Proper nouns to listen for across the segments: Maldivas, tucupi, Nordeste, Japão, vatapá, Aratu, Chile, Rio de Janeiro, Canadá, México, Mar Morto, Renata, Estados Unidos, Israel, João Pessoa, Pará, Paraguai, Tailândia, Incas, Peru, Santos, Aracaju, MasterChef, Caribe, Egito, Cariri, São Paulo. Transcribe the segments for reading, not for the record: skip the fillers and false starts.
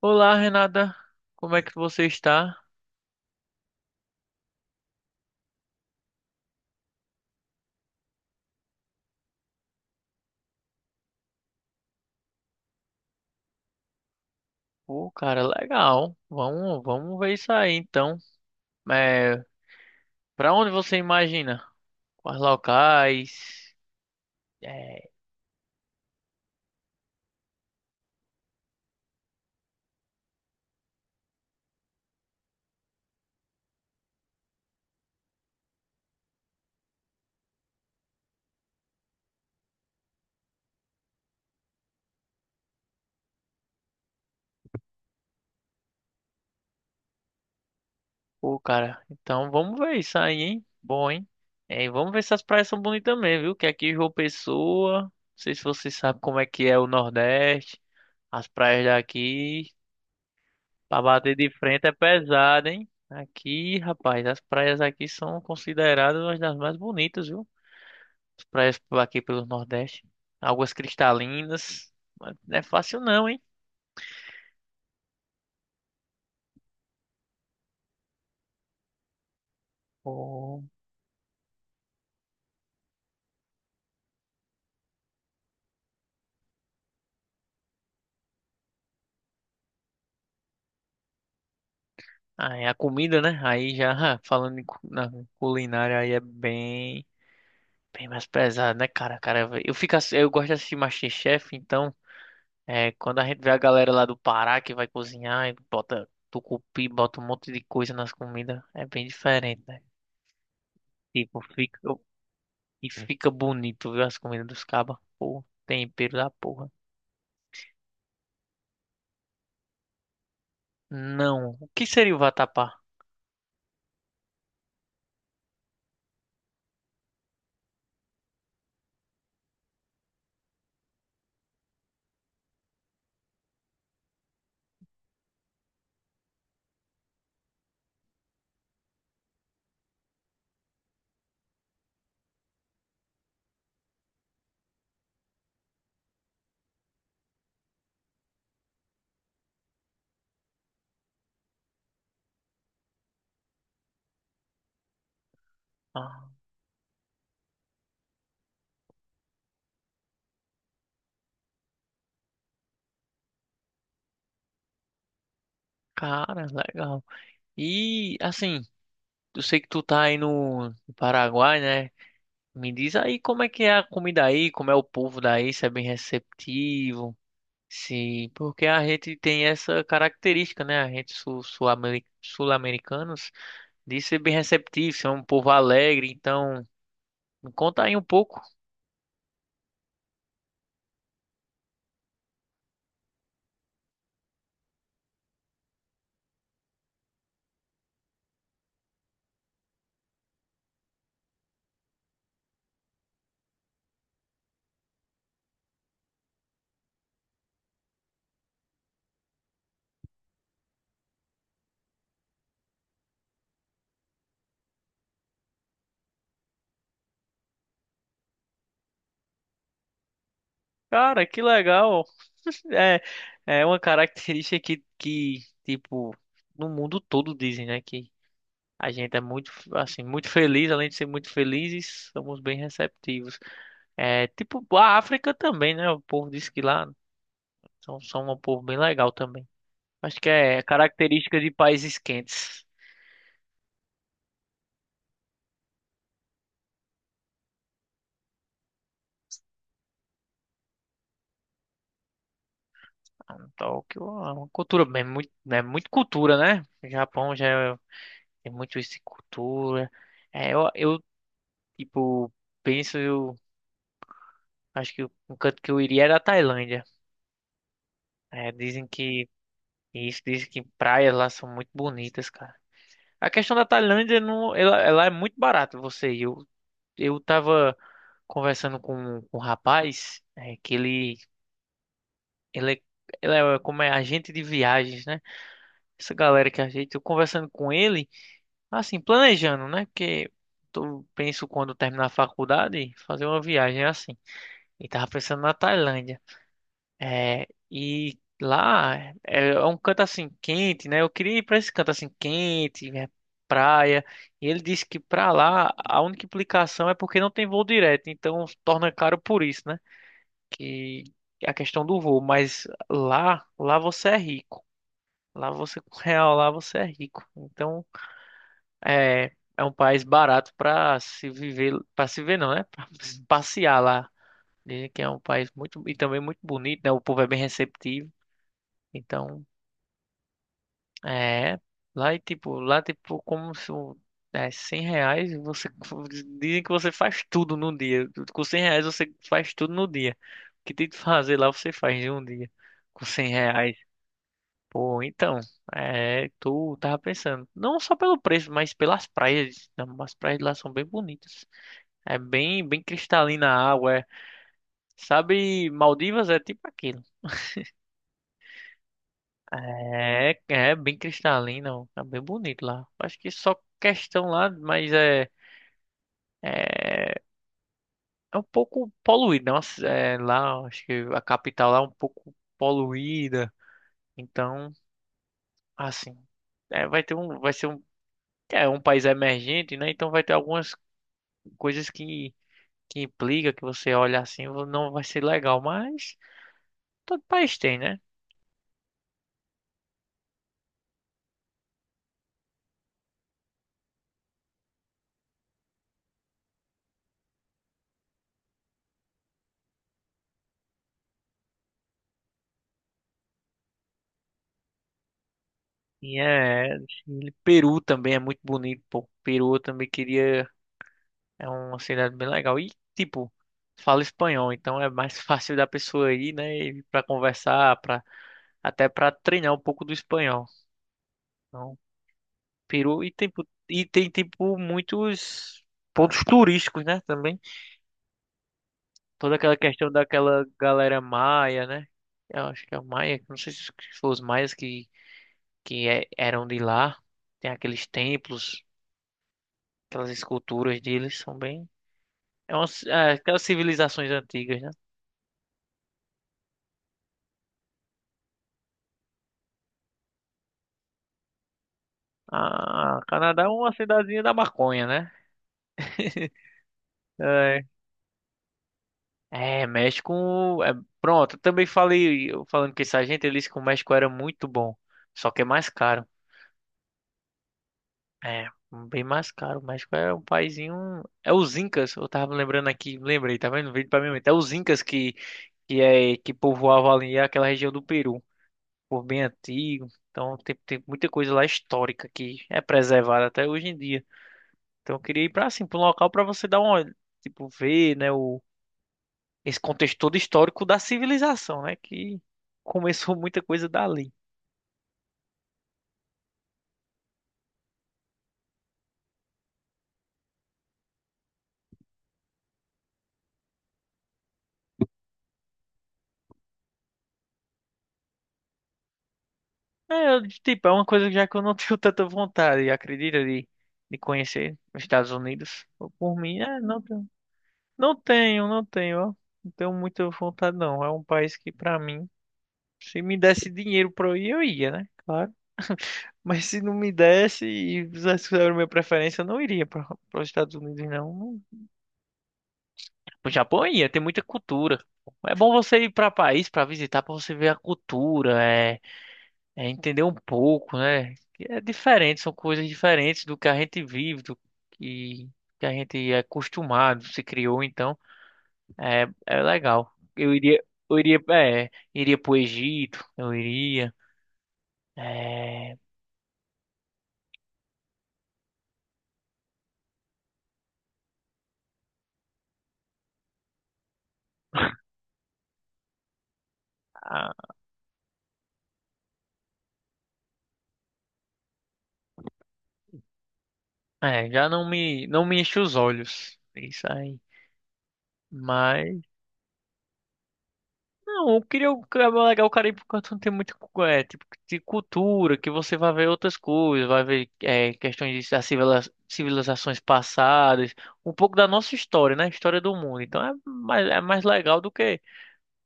Olá, Renata. Como é que você está? Pô, cara, legal. Vamos ver isso aí, então. É, Para onde você imagina? Quais locais? É, pô, cara. Então, vamos ver isso aí, hein? Bom, hein? E vamos ver se as praias são bonitas também, viu? Que aqui em João Pessoa, não sei se você sabe como é que é o Nordeste. As praias daqui, pra bater de frente é pesado, hein? Aqui, rapaz, as praias aqui são consideradas uma das mais bonitas, viu? As praias por aqui pelo Nordeste. Águas cristalinas. Mas não é fácil não, hein? Pô. Ah, é a comida, né? Aí já falando na culinária aí é bem, bem mais pesado, né, cara? Cara, eu gosto de assistir MasterChef, então é quando a gente vê a galera lá do Pará que vai cozinhar e bota tucupi, bota um monte de coisa nas comidas, é bem diferente, né? Tipo, fica e fica bonito, viu? As comidas dos cabas. Pô, tempero da porra. Não. O que seria o vatapá? Ah, cara, legal. E assim, eu sei que tu tá aí no Paraguai, né? Me diz aí como é que é a comida aí, como é o povo daí, se é bem receptivo, se porque a gente tem essa característica, né? A gente sul-americanos de ser bem receptivo, ser um povo alegre. Então, me conta aí um pouco. Cara, que legal. É, é uma característica que, tipo, no mundo todo dizem, né? Que a gente é muito, assim, muito feliz, além de ser muito felizes, somos bem receptivos. Tipo, a África também, né? O povo diz que lá são um povo bem legal também. Acho que é característica de países quentes. Ah, Tóquio é uma cultura, é muito cultura, né? O Japão já é- tem muito isso de cultura. É, eu, eu, tipo, penso, eu acho que um canto que eu iria era a Tailândia. Dizem que praias lá são muito bonitas, cara. A questão da Tailândia não, ela é muito barata você ir. Eu tava conversando com um rapaz que ele é como é agente de viagens, né? Essa galera que a gente, eu conversando com ele, assim, planejando, né? Porque eu penso quando terminar a faculdade fazer uma viagem é assim. E tava pensando na Tailândia. E lá é um canto assim quente, né? Eu queria ir para esse canto assim quente, né? Praia. E ele disse que para lá a única implicação é porque não tem voo direto, então torna caro por isso, né? Que é a questão do voo, mas lá você é rico. Lá você com real, lá você é rico. Então, é um país barato para se viver, para se ver não, né? Para passear lá. Dizem que é um país muito e também muito bonito, né? O povo é bem receptivo. Então, É, lá, tipo, como se R$ 100, você dizem que você faz tudo no dia. Com R$ 100 você faz tudo no dia. O que tem que fazer lá você faz em um dia. Com 100 reais. Pô, então, tu tava pensando, não só pelo preço, mas pelas praias. As praias lá são bem bonitas. É bem, bem cristalina a água. Sabe, Maldivas é tipo aquilo. É bem cristalina, ó, tá bem bonito lá. Acho que só questão lá, mas é É, é um pouco poluída, nossa, é, lá, acho que a capital lá é um pouco poluída. Então, assim, vai ter um, vai ser um, é um país emergente, né? Então vai ter algumas coisas que implica que você olha assim, não vai ser legal, mas todo país tem, né? Chile. Peru também é muito bonito, pô. Peru eu também queria, é uma cidade bem legal. E tipo, fala espanhol, então é mais fácil da pessoa ir, né? Para conversar, até para treinar um pouco do espanhol. Então, Peru e tem tipo muitos pontos turísticos, né, também. Toda aquela questão daquela galera maia, né? Eu acho que é maia, não sei se foram os maias eram de lá. Tem aqueles templos, aquelas esculturas deles são bem aquelas civilizações antigas, né? Ah, Canadá é uma cidadezinha da maconha, né? México. É, Pronto, eu também falei, eu falando com esse agente, ele disse que o México era muito bom, só que é mais caro. É, Bem mais caro. O México é um paizinho. É os Incas, eu tava lembrando aqui, lembrei, tá vendo? Veio pra mim, é os Incas que povoavam ali aquela região do Peru, por bem antigo. Então tem, tem muita coisa lá histórica que é preservada até hoje em dia. Então eu queria ir pra assim, pra um local pra você dar uma tipo, ver, né? Esse contexto todo histórico da civilização, né? Que começou muita coisa dali. Tipo, é uma coisa já que eu não tenho tanta vontade, acredita, de conhecer os Estados Unidos. Por mim, não tenho, não tenho, não tenho, ó. Não tenho muita vontade, não. É um país que, pra mim, se me desse dinheiro pra eu ir, eu ia, né? Claro. Mas se não me desse e fizesse era a minha preferência, eu não iria para os Estados Unidos, não. O Japão ia ter muita cultura. É bom você ir para país para visitar, para você ver a cultura, é entender um pouco, né? Que é diferente, são coisas diferentes do que a gente vive, do que, que a gente é acostumado, se criou, então é legal. Eu iria pro Egito, eu iria. É, a- já não me, enche os olhos, isso aí. Mas não, eu queria o que é legal o Caribe porque não tem muito tipo de cultura, que você vai ver outras coisas, vai ver questões das civilizações passadas, um pouco da nossa história, né? História do mundo. Então é mais legal do que,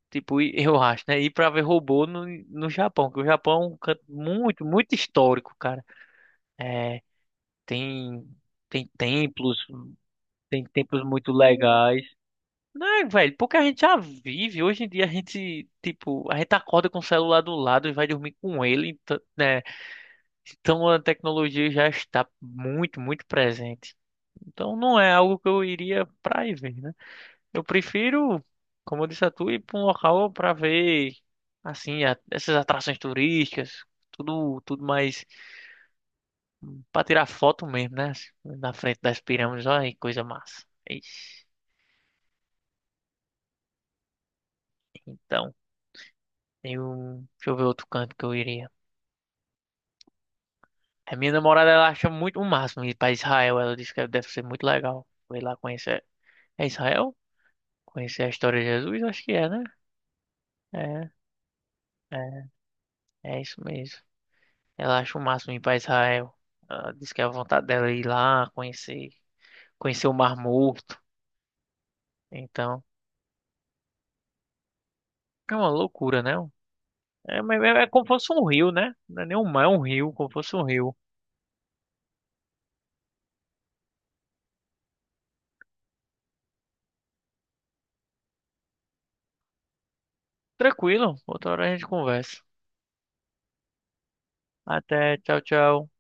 tipo, eu acho, né? Ir pra ver robô no Japão, que o Japão é um canto muito, muito histórico, cara. É, tem, tem templos, tem templos muito legais. Não, velho, pouca gente já vive. Hoje em dia a gente, tipo, a gente acorda com o celular do lado e vai dormir com ele, então, né? Então a tecnologia já está muito, muito presente. Então não é algo que eu iria pra ir ver, né? Eu prefiro, como eu disse a tu, ir pra um local pra ver, assim, essas atrações turísticas, tudo, tudo mais pra tirar foto mesmo, né? Na frente das pirâmides, olha que coisa massa. Ixi. Então, eu, deixa eu ver outro canto que eu iria. A minha namorada, ela acha muito o máximo ir pra Israel. Ela disse que deve ser muito legal ir lá conhecer. É Israel? Conhecer a história de Jesus? Acho que é, né? É, é, é isso mesmo. Ela acha o máximo ir pra Israel. Ela diz que é a vontade dela é ir lá, conhecer, conhecer o Mar Morto. Então, é uma loucura, né? É, mas é como fosse um rio, né? Não é nem um mar, é um rio, como fosse um rio. Tranquilo, outra hora a gente conversa. Até, tchau, tchau.